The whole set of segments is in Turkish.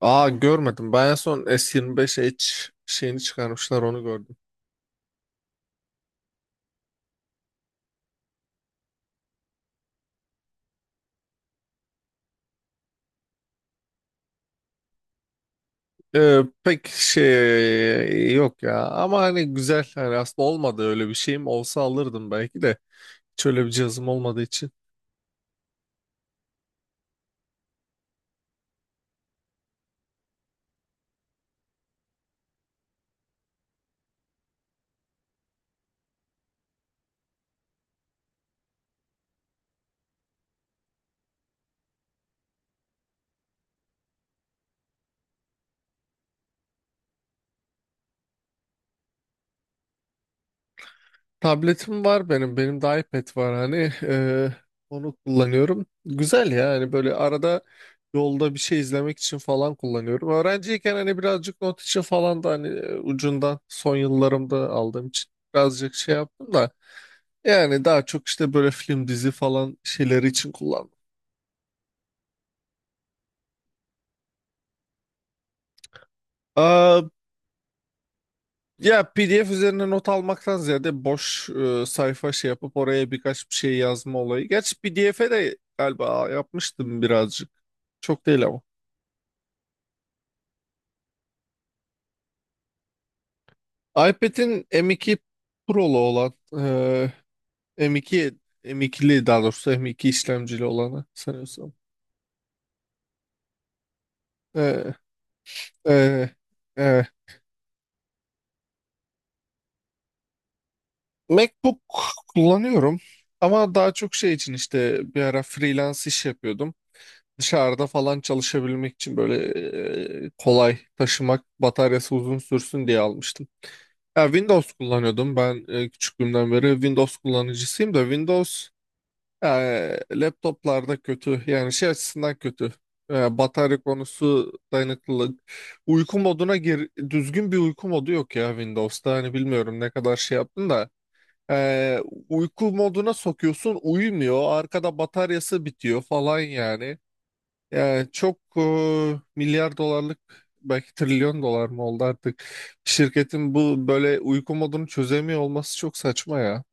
Aa, görmedim. Ben en son S25H şeyini çıkarmışlar onu gördüm. Pek şey yok ya. Ama hani güzel. Hani aslında olmadı öyle bir şeyim. Olsa alırdım belki de. Hiç öyle bir cihazım olmadığı için. Tabletim var benim. Benim de iPad var hani. Onu kullanıyorum. Güzel ya. Hani böyle arada yolda bir şey izlemek için falan kullanıyorum. Öğrenciyken hani birazcık not için falan da hani ucundan son yıllarımda aldığım için birazcık şey yaptım da. Yani daha çok işte böyle film dizi falan şeyleri için kullandım. Aa, ya PDF üzerine not almaktan ziyade boş sayfa şey yapıp oraya birkaç bir şey yazma olayı. Gerçi PDF'e de galiba yapmıştım birazcık. Çok değil ama. iPad'in M2 Pro'lu olan e, M2 M2'li daha doğrusu M2 işlemcili olanı sanıyorsam. E, e, e. MacBook kullanıyorum. Ama daha çok şey için işte bir ara freelance iş yapıyordum. Dışarıda falan çalışabilmek için böyle kolay taşımak, bataryası uzun sürsün diye almıştım. Ya Windows kullanıyordum. Ben küçüklüğümden beri Windows kullanıcısıyım da Windows e, laptoplarda kötü. Yani şey açısından kötü. Batarya konusu dayanıklılık. Uyku moduna gir, düzgün bir uyku modu yok ya Windows'ta. Hani bilmiyorum ne kadar şey yaptın da. E, uyku moduna sokuyorsun uyumuyor. Arkada bataryası bitiyor falan yani. Yani çok milyar dolarlık belki trilyon dolar mı oldu artık şirketin bu böyle uyku modunu çözemiyor olması çok saçma ya.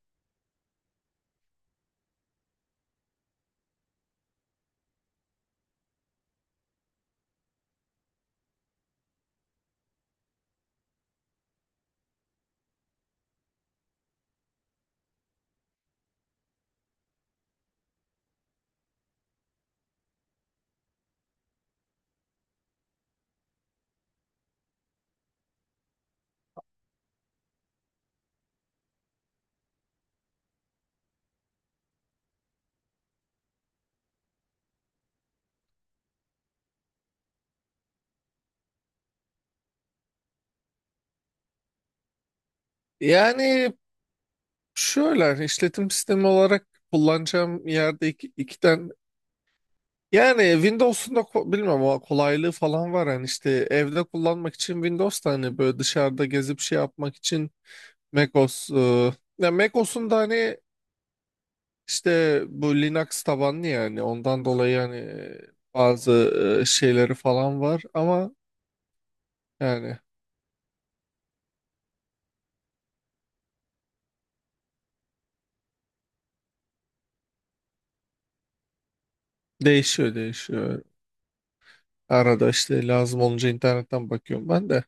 Yani şöyle hani işletim sistemi olarak kullanacağım yerde iki tane yani Windows'un da bilmem o kolaylığı falan var yani işte evde kullanmak için Windows da hani böyle dışarıda gezip şey yapmak için macOS ya macOS'un da hani İşte bu Linux tabanlı yani ondan dolayı yani bazı şeyleri falan var ama yani değişiyor değişiyor. Arada işte lazım olunca internetten bakıyorum ben de.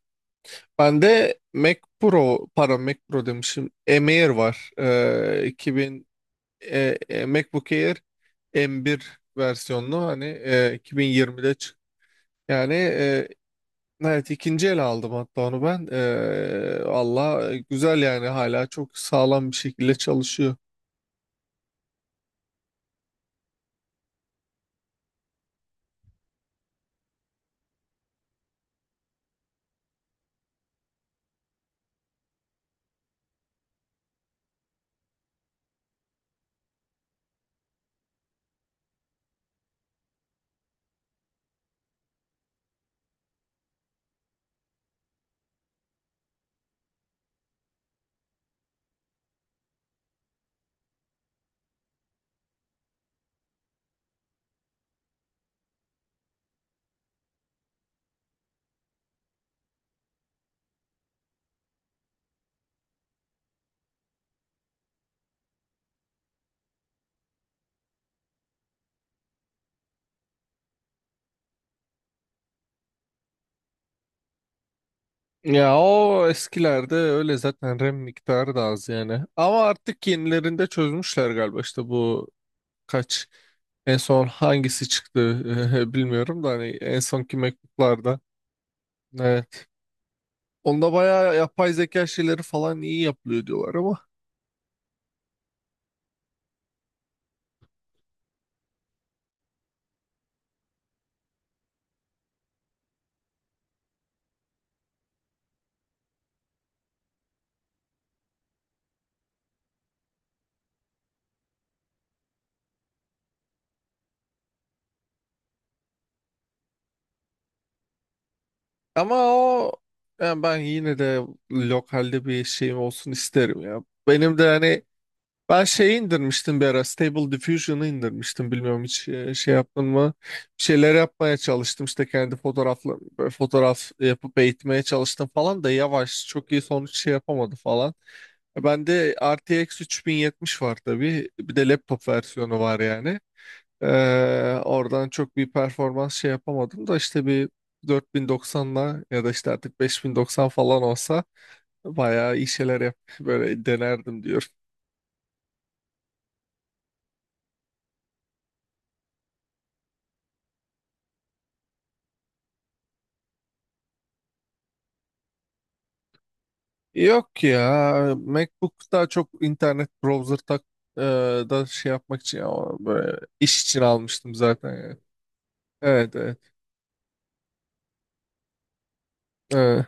Ben de Mac Pro, pardon Mac Pro demişim. M Air var. MacBook Air M1 versiyonlu hani 2020'de çıktı. Yani, evet, ikinci el aldım hatta onu ben. Valla güzel yani hala çok sağlam bir şekilde çalışıyor. Ya o eskilerde öyle zaten RAM miktarı da az yani. Ama artık yenilerinde çözmüşler galiba işte bu kaç en son hangisi çıktı bilmiyorum da hani en sonki MacBook'larda. Evet. Onda bayağı yapay zeka şeyleri falan iyi yapılıyor diyorlar ama. Ama o yani ben yine de lokalde bir şeyim olsun isterim ya. Benim de hani, ben şeyi indirmiştim bir ara. Stable Diffusion'ı indirmiştim. Bilmiyorum hiç şey yaptın mı? Bir şeyler yapmaya çalıştım. İşte kendi fotoğrafla böyle fotoğraf yapıp eğitmeye çalıştım falan da yavaş. Çok iyi sonuç şey yapamadı falan. Bende RTX 3070 var tabii. Bir de laptop versiyonu var yani. Oradan çok bir performans şey yapamadım da işte bir 4090'la ya da işte artık 5090 falan olsa bayağı iyi şeyler yap böyle denerdim. Yok ya, MacBook daha çok internet browser e, da şey yapmak için ama böyle iş için almıştım zaten yani. Evet, evet. Evet.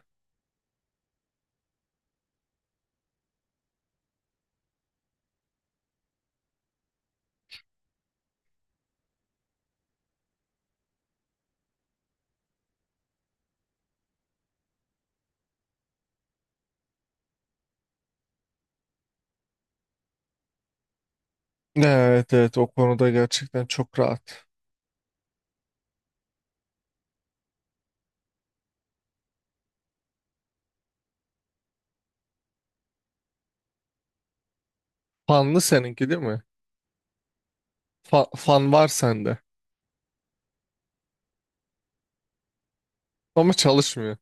Evet, evet, o konuda gerçekten çok rahat. Fanlı seninki değil mi? Fan var sende ama çalışmıyor.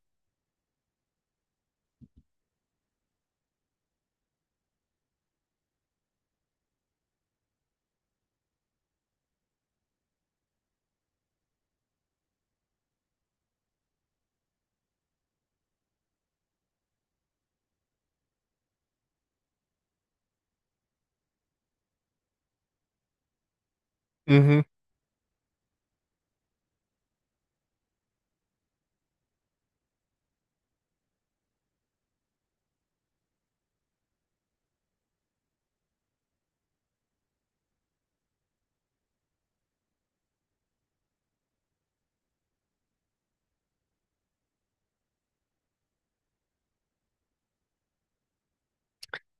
Hı hı.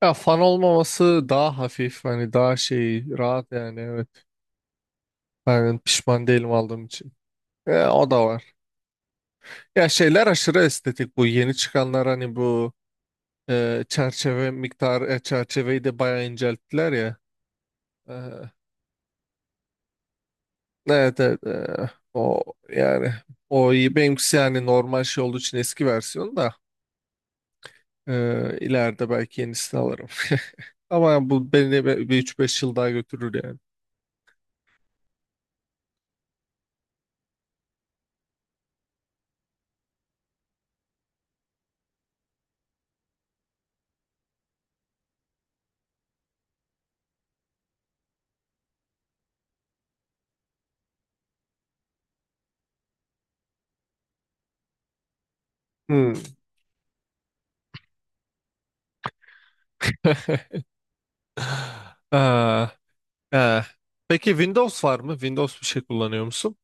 Ya fan olmaması daha hafif hani daha şey rahat yani evet. Ben pişman değilim aldığım için. O da var. Ya şeyler aşırı estetik bu yeni çıkanlar hani bu çerçeve miktarı, çerçeveyi de bayağı incelttiler ya. Ee, evet, evet. O yani o iyi. Benimkisi yani normal şey olduğu için eski versiyon da ileride belki yenisini alırım. Ama bu beni bir 3-5 yıl daha götürür yani. Hmm. Aa, ee. Peki Windows var mı? Windows bir şey kullanıyor musun?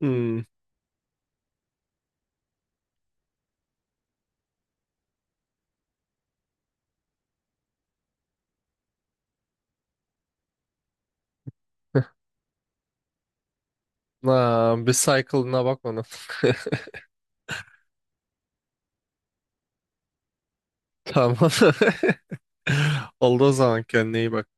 Hmm. Aa, bir cycle'ına bakmadım. Tamam. Olduğu zaman kendine iyi bak.